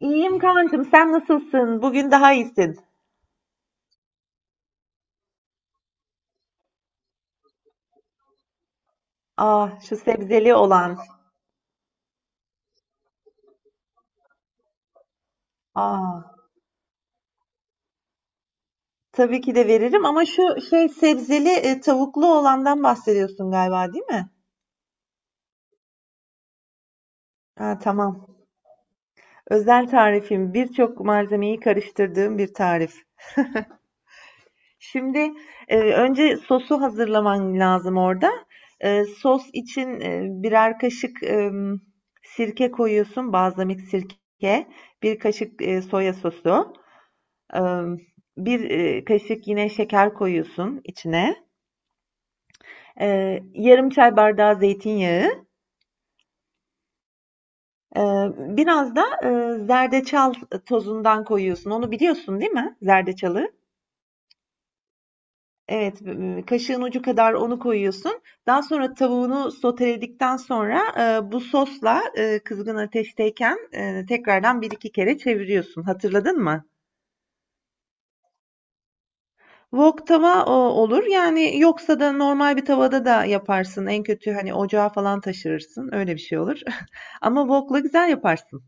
İyiyim kankım, sen nasılsın? Bugün daha iyisin. Ah, şu sebzeli olan. Ah, tabii ki de veririm ama şu şey sebzeli tavuklu olandan bahsediyorsun galiba, değil mi? Ha, tamam. Özel tarifim. Birçok malzemeyi karıştırdığım bir tarif. Şimdi önce sosu hazırlaman lazım orada. Sos için birer kaşık sirke koyuyorsun, balzamik sirke, bir kaşık soya sosu. Bir kaşık yine şeker koyuyorsun içine. Yarım çay bardağı zeytinyağı, biraz da zerdeçal tozundan koyuyorsun. Onu biliyorsun değil mi, zerdeçalı? Evet, kaşığın ucu kadar onu koyuyorsun. Daha sonra tavuğunu soteledikten sonra, bu sosla, kızgın ateşteyken, tekrardan bir iki kere çeviriyorsun. Hatırladın mı? Wok tava, olur. Yani, yoksa da normal bir tavada da yaparsın. En kötü, hani, ocağa falan taşırırsın. Öyle bir şey olur. Ama wok'la güzel yaparsın.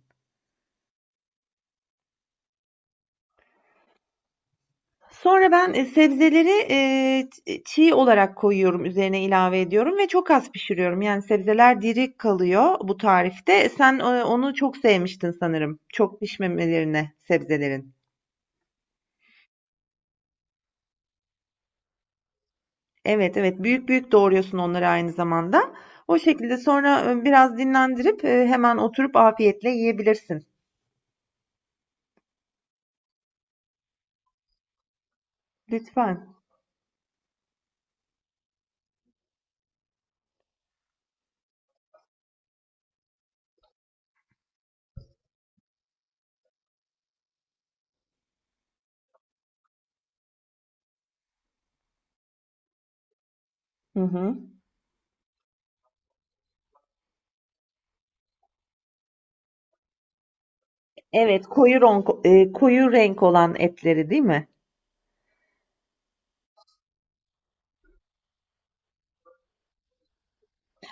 Sonra ben, sebzeleri, çiğ olarak koyuyorum, üzerine ilave ediyorum ve çok az pişiriyorum. Yani, sebzeler diri kalıyor bu tarifte. Sen, onu çok sevmiştin sanırım, çok pişmemelerine sebzelerin. Evet, evet, büyük büyük doğruyorsun onları aynı zamanda. O şekilde sonra, biraz dinlendirip, hemen oturup afiyetle yiyebilirsin. Lütfen. Hı hı. Evet, koyu renk olan etleri değil mi?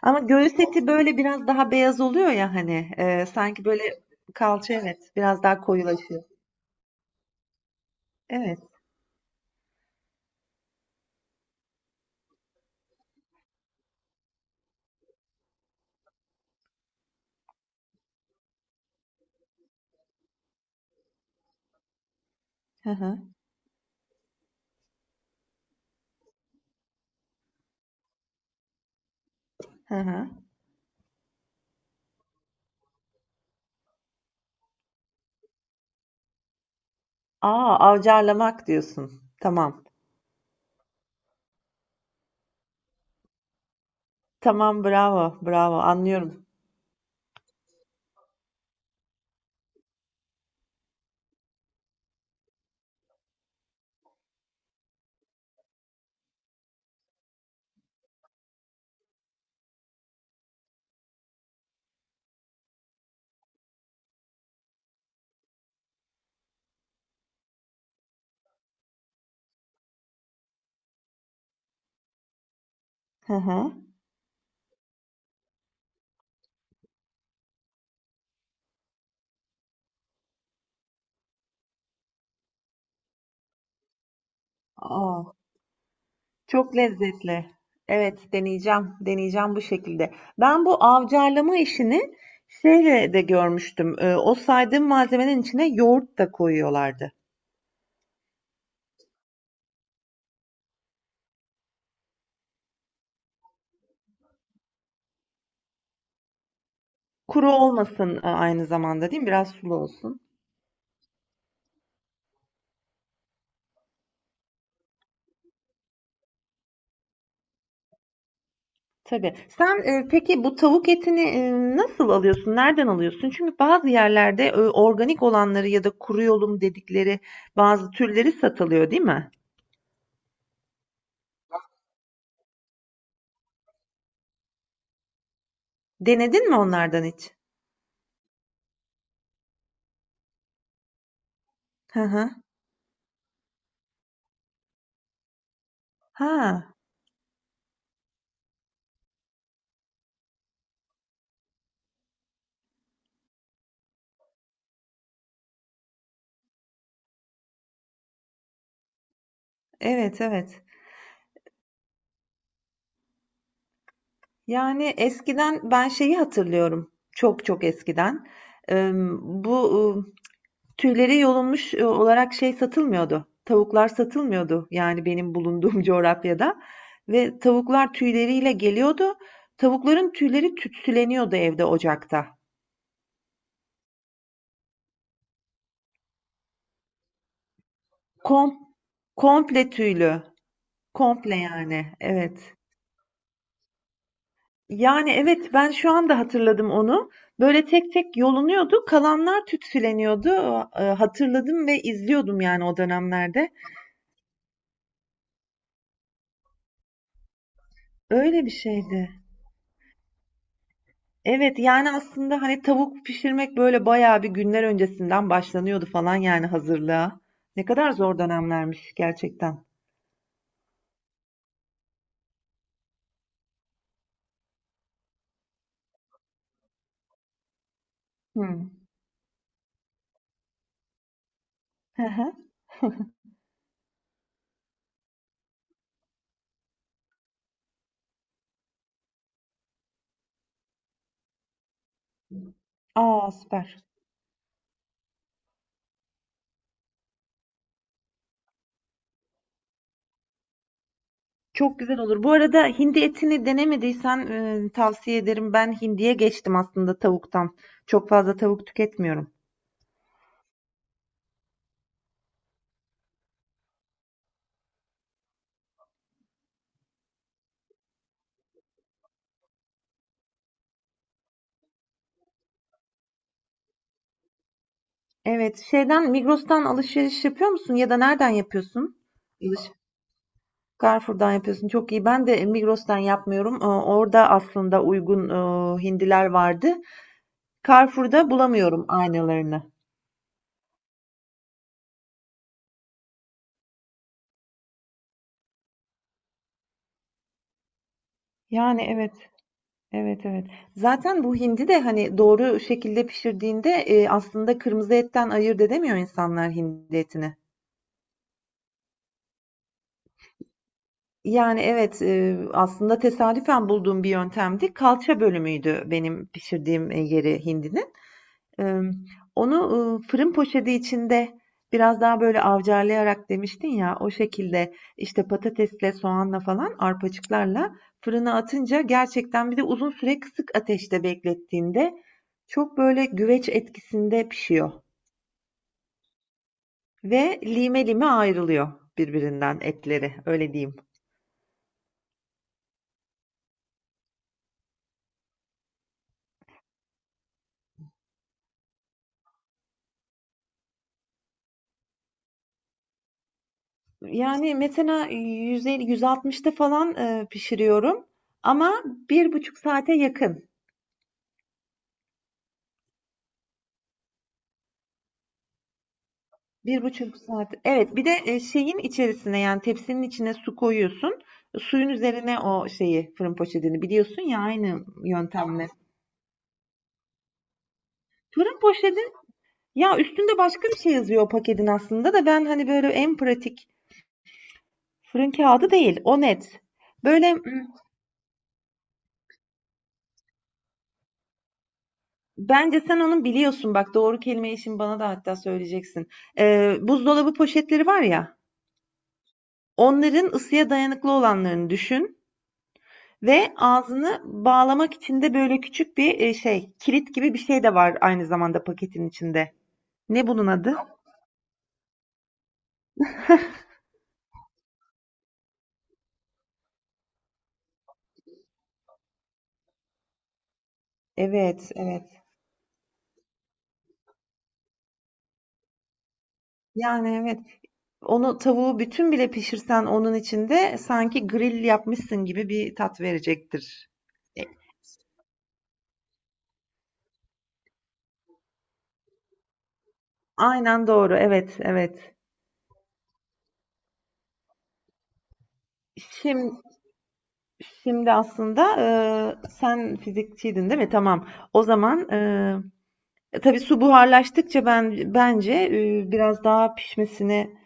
Ama göğüs eti böyle biraz daha beyaz oluyor ya hani sanki böyle kalça, evet, biraz daha koyulaşıyor. Evet. Hı hı. Hı hı. Aa, avcarlamak diyorsun. Tamam. Tamam, bravo, bravo. Anlıyorum. Hı hı. Aa, çok lezzetli. Evet, deneyeceğim. Deneyeceğim bu şekilde. Ben bu avcarlama işini şeyle de görmüştüm. O saydığım malzemenin içine yoğurt da koyuyorlardı. Kuru olmasın aynı zamanda değil mi? Biraz sulu olsun. Tabii. Sen, peki bu tavuk etini, nasıl alıyorsun? Nereden alıyorsun? Çünkü bazı yerlerde, organik olanları ya da kuru yolum dedikleri bazı türleri satılıyor, değil mi? Denedin mi onlardan hiç? Hı hı. Ha, evet, evet. Yani eskiden ben şeyi hatırlıyorum. Çok çok eskiden. Emm, bu tüyleri yolunmuş olarak şey satılmıyordu, tavuklar satılmıyordu, yani benim bulunduğum coğrafyada ve tavuklar tüyleriyle geliyordu. Tavukların tüyleri tütsüleniyordu evde ocakta. Kom komple tüylü, komple yani, evet. Yani, evet, ben şu anda hatırladım onu. Böyle tek tek yolunuyordu, kalanlar tütsüleniyordu. Hatırladım ve izliyordum yani o dönemlerde. Öyle bir şeydi. Evet yani aslında hani tavuk pişirmek böyle bayağı bir günler öncesinden başlanıyordu falan yani hazırlığa. Ne kadar zor dönemlermiş gerçekten. Hmm. Hı hı. Aa, süper. Çok güzel olur. Bu arada hindi etini denemediysen tavsiye ederim. Ben hindiye geçtim aslında tavuktan. Çok fazla tavuk tüketmiyorum. Evet, şeyden Migros'tan alışveriş yapıyor musun ya da nereden yapıyorsun? Carrefour'dan yapıyorsun. Çok iyi. Ben de Migros'tan yapmıyorum. Orada aslında uygun hindiler vardı. Carrefour'da bulamıyorum aynalarını. Yani evet, evet, evet. Zaten bu hindi de hani doğru şekilde pişirdiğinde aslında kırmızı etten ayırt edemiyor insanlar hindi etini. Yani evet, aslında tesadüfen bulduğum bir yöntemdi. Kalça bölümüydü benim pişirdiğim yeri hindinin. Onu fırın poşeti içinde biraz daha böyle avcarlayarak demiştin ya, o şekilde, işte, patatesle, soğanla falan, arpacıklarla fırına atınca gerçekten bir de uzun süre kısık ateşte beklettiğinde çok böyle güveç etkisinde pişiyor ve lime lime ayrılıyor birbirinden etleri, öyle diyeyim. Yani, mesela 150, 160'ta falan, pişiriyorum ama bir buçuk saate yakın. Bir buçuk saat. Evet, bir de şeyin içerisine yani tepsinin içine su koyuyorsun. Suyun üzerine o şeyi fırın poşetini biliyorsun ya aynı yöntemle. Fırın poşeti, ya üstünde başka bir şey yazıyor o paketin aslında da ben hani böyle en pratik, fırın kağıdı değil o net. Böyle m, Bence sen onun biliyorsun bak, doğru kelimeyi şimdi bana da hatta söyleyeceksin. Buzdolabı poşetleri var ya, onların ısıya dayanıklı olanlarını düşün. Ve ağzını bağlamak için de böyle küçük bir, şey, kilit gibi bir şey de var aynı zamanda paketin içinde. Ne bunun adı? Evet, evet. Yani, evet. Onu tavuğu bütün bile pişirsen onun içinde sanki grill yapmışsın gibi bir tat verecektir. E, aynen doğru. Evet, evet. Şim şimdi aslında, sen fizikçiydin, değil mi? Tamam. O zaman, tabii su buharlaştıkça ben bence, biraz daha pişmesini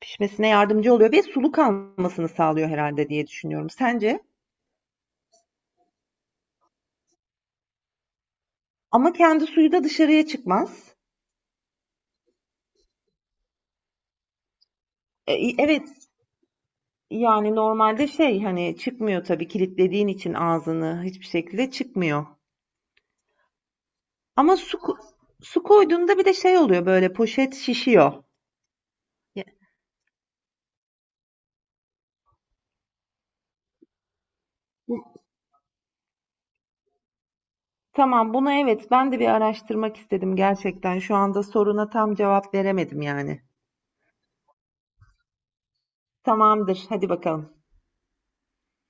Pişmesine yardımcı oluyor ve sulu kalmasını sağlıyor herhalde diye düşünüyorum. Sence? Ama kendi suyu da dışarıya çıkmaz. Evet, yani normalde şey, hani, çıkmıyor tabii kilitlediğin için ağzını, hiçbir şekilde çıkmıyor. Ama su koyduğunda bir de şey oluyor, böyle, poşet şişiyor. Ya, tamam, bunu evet, ben de bir araştırmak istedim gerçekten. Şu anda soruna tam cevap veremedim yani. Tamamdır, hadi bakalım.